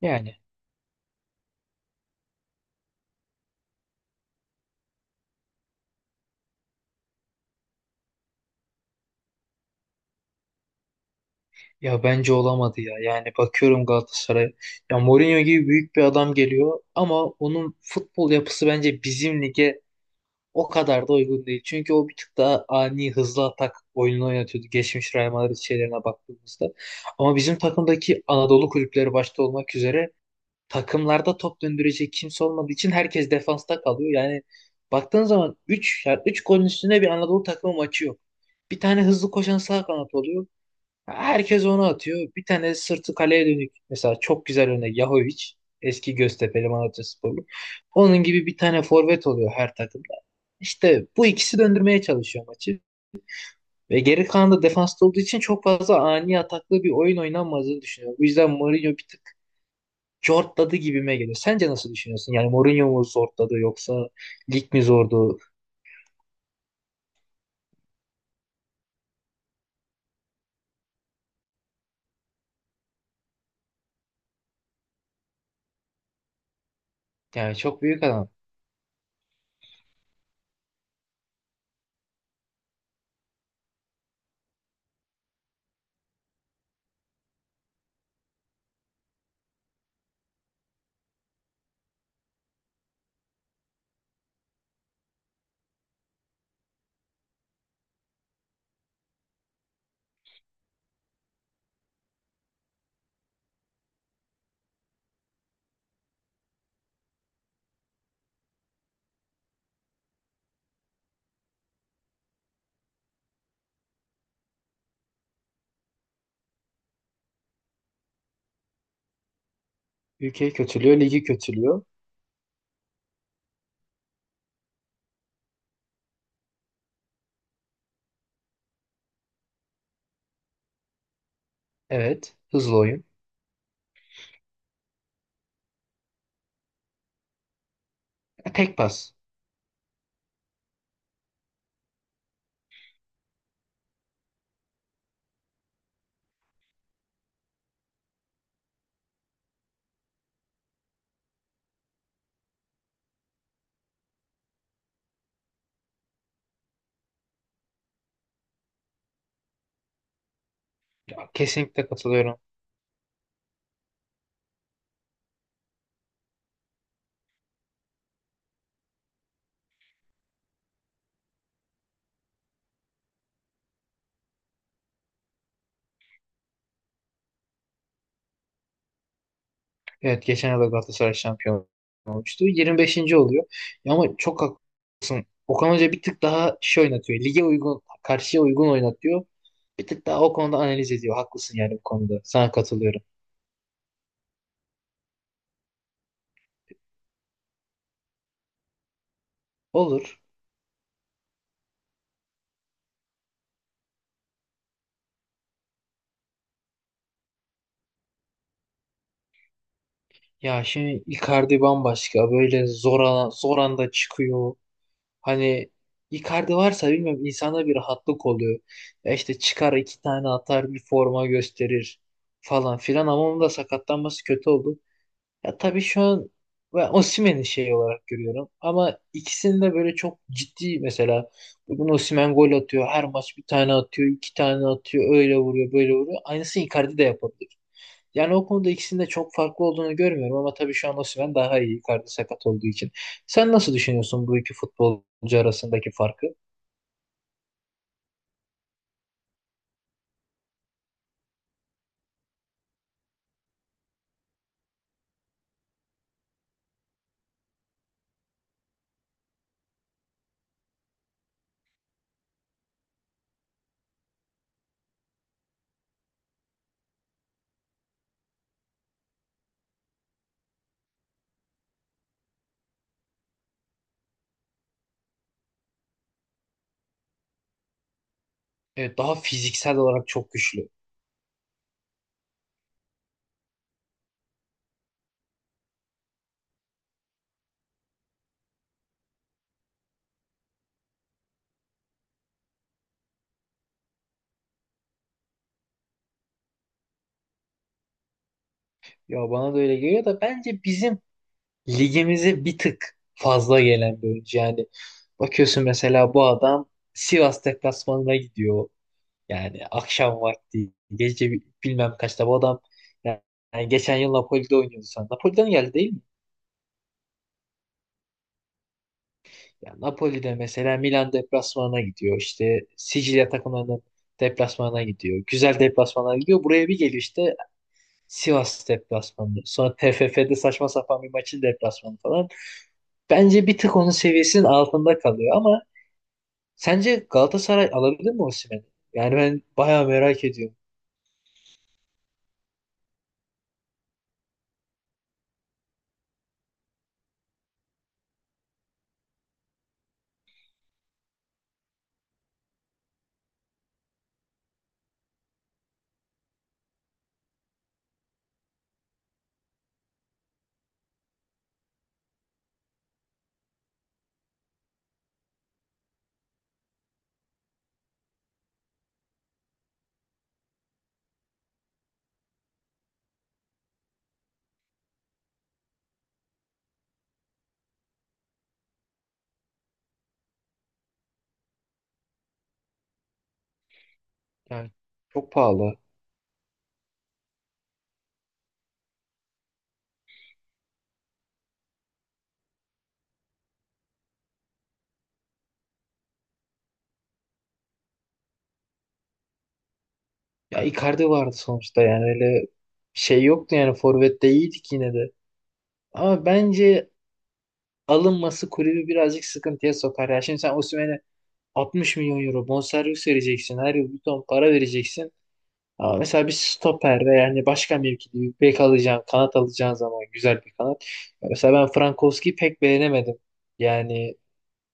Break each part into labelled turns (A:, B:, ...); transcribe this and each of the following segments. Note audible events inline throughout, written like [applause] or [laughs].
A: Yani ya bence olamadı ya. Yani bakıyorum Galatasaray'a. Ya Mourinho gibi büyük bir adam geliyor ama onun futbol yapısı bence bizim lige o kadar da uygun değil. Çünkü o bir tık daha ani hızlı atak oyununu oynatıyordu. Geçmiş Real Madrid şeylerine baktığımızda. Ama bizim takımdaki Anadolu kulüpleri başta olmak üzere takımlarda top döndürecek kimse olmadığı için herkes defansta kalıyor. Yani baktığın zaman üç, yani üç golün üstüne bir Anadolu takımı maçı yok. Bir tane hızlı koşan sağ kanat oluyor. Herkes onu atıyor. Bir tane sırtı kaleye dönük. Mesela çok güzel örnek Yahovic. Eski Göztepe'li Malatyasporlu. Onun gibi bir tane forvet oluyor her takımda. İşte bu ikisi döndürmeye çalışıyor maçı. Ve geri kalan da defansta olduğu için çok fazla ani ataklı bir oyun oynanmadığını düşünüyorum. Bu yüzden Mourinho bir tık zortladı gibime geliyor. Sence nasıl düşünüyorsun? Yani Mourinho mu zortladı yoksa lig mi zordu? Yani çok büyük adam. Ülkeyi kötülüyor, ligi kötülüyor. Evet, hızlı oyun. Tek pas. Kesinlikle katılıyorum. Evet geçen yıl da Galatasaray şampiyon olmuştu. 25. oluyor. Ya ama çok haklısın. Okan Hoca bir tık daha şey oynatıyor. Lige uygun, karşıya uygun oynatıyor. Bir tık daha o konuda analiz ediyor. Haklısın yani bu konuda. Sana katılıyorum. Olur. Ya şimdi Icardi bambaşka. Böyle zor, zor anda çıkıyor. Hani Icardi varsa bilmiyorum insana bir rahatlık oluyor. Ya işte çıkar iki tane atar bir forma gösterir falan filan ama onun da sakatlanması kötü oldu. Ya tabii şu an ben Osimhen'i şey olarak görüyorum. Ama ikisini de böyle çok ciddi mesela. Bugün Osimhen gol atıyor. Her maç bir tane atıyor. İki tane atıyor. Öyle vuruyor böyle vuruyor. Aynısını Icardi de yapabilir. Yani o konuda ikisinin de çok farklı olduğunu görmüyorum. Ama tabii şu an Osimhen daha iyi. Icardi sakat olduğu için. Sen nasıl düşünüyorsun bu iki futbolcu arasındaki farkı? Evet, daha fiziksel olarak çok güçlü. Ya bana da öyle geliyor da bence bizim ligimize bir tık fazla gelen bir oyuncu. Yani bakıyorsun mesela bu adam Sivas deplasmanına gidiyor. Yani akşam vakti gece bilmem kaçta bu adam yani yani geçen yıl Napoli'de oynuyordu sen. Napoli'den geldi değil mi? Yani Napoli'de mesela Milan deplasmanına gidiyor. İşte Sicilya takımlarının deplasmanına gidiyor. Güzel deplasmanlara gidiyor. Buraya bir geliyor işte Sivas deplasmanı. Sonra TFF'de saçma sapan bir maçın deplasmanı falan. Bence bir tık onun seviyesinin altında kalıyor ama sence Galatasaray alabilir mi Osimhen'i? Yani ben bayağı merak ediyorum. Yani çok pahalı. Ya Icardi vardı sonuçta yani öyle şey yoktu yani forvette iyiydik yine de. Ama bence alınması kulübü birazcık sıkıntıya sokar. Ya şimdi sen Osimhen'e 60 milyon euro bonservis vereceksin. Her yıl bir ton para vereceksin. Ama mesela bir stoper ve yani başka mevkide bir bek alacağın, kanat alacağın zaman güzel bir kanat. Ya mesela ben Frankowski'yi pek beğenemedim. Yani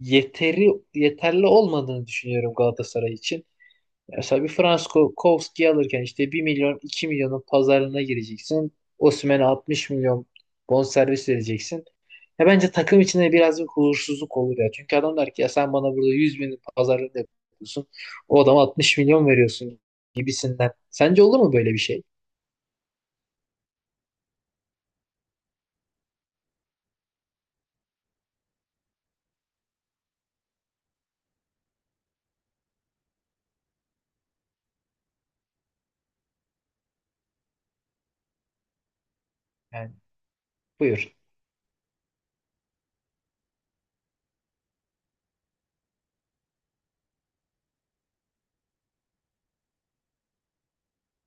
A: yeteri yeterli olmadığını düşünüyorum Galatasaray için. Mesela bir Frankowski alırken işte bir milyon 2 milyonun pazarlığına gireceksin. Osimhen'e 60 milyon bonservis vereceksin. Ya bence takım içinde biraz bir huzursuzluk olur ya. Çünkü adam der ki ya sen bana burada 100 bin pazarlığını yapıyorsun. O adama 60 milyon veriyorsun gibisinden. Sence olur mu böyle bir şey? Yani buyur.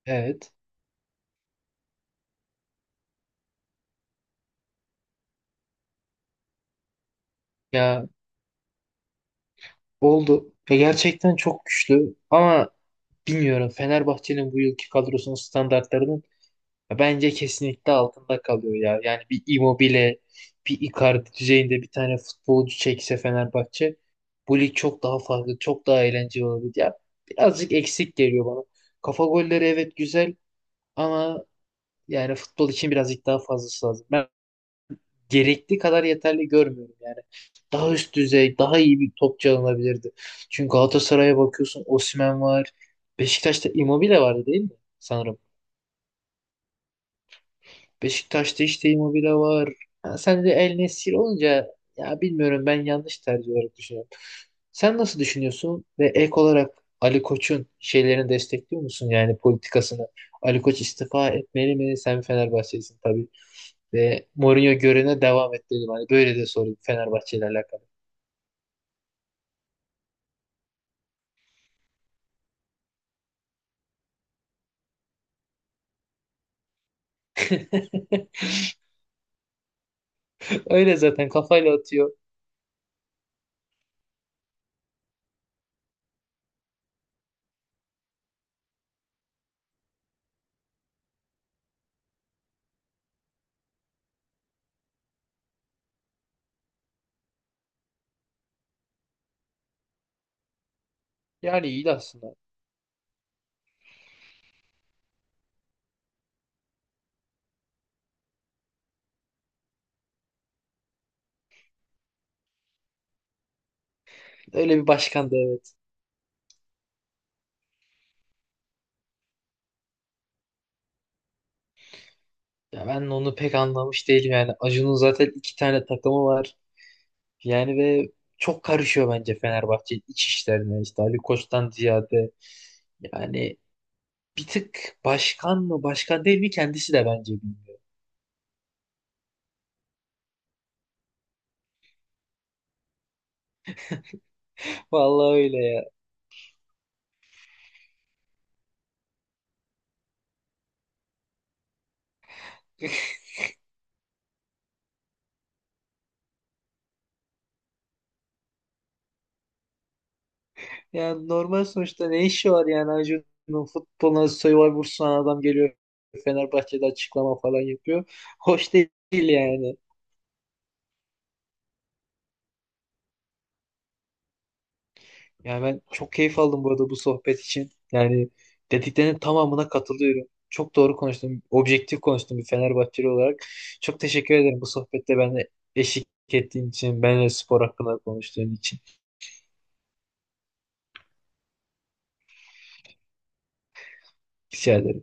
A: Evet. Ya oldu. Ya gerçekten çok güçlü ama bilmiyorum Fenerbahçe'nin bu yılki kadrosunun standartlarının bence kesinlikle altında kalıyor ya. Yani bir Immobile, bir Icardi düzeyinde bir tane futbolcu çekse Fenerbahçe bu lig çok daha farklı, çok daha eğlenceli olabilir. Ya birazcık eksik geliyor bana. Kafa golleri evet güzel ama yani futbol için birazcık daha fazlası lazım, gerekli kadar yeterli görmüyorum yani. Daha üst düzey, daha iyi bir topçu alınabilirdi. Çünkü Galatasaray'a bakıyorsun Osimhen var. Beşiktaş'ta Immobile vardı değil mi? Sanırım. Beşiktaş'ta işte Immobile var. Ha, sen de El Nesir olunca ya bilmiyorum ben yanlış tercih olarak düşünüyorum. Sen nasıl düşünüyorsun ve ek olarak Ali Koç'un şeylerini destekliyor musun yani politikasını? Ali Koç istifa etmeli mi? Sen Fenerbahçelisin tabii. Ve Mourinho görevine devam et dedim. Hani böyle de sorayım Fenerbahçe ile alakalı. [laughs] Öyle zaten kafayla atıyor. Yani iyi aslında. Öyle bir başkan da evet. Ya ben onu pek anlamış değilim yani. Acun'un zaten iki tane takımı var. Yani ve çok karışıyor bence Fenerbahçe iç işlerine. İşte Ali Koç'tan ziyade. Yani bir tık başkan mı başkan değil mi kendisi de bence bilmiyor. Vallahi öyle ya. [laughs] Yani normal sonuçta ne işi var yani Acun'un futboluna Survivor sunan adam geliyor Fenerbahçe'de açıklama falan yapıyor. Hoş değil yani. Yani ben çok keyif aldım burada bu sohbet için. Yani dediklerinin tamamına katılıyorum. Çok doğru konuştun, objektif konuştun bir Fenerbahçeli olarak. Çok teşekkür ederim bu sohbette benimle eşlik ettiğin için, benimle spor hakkında konuştuğun için. Rica ederim.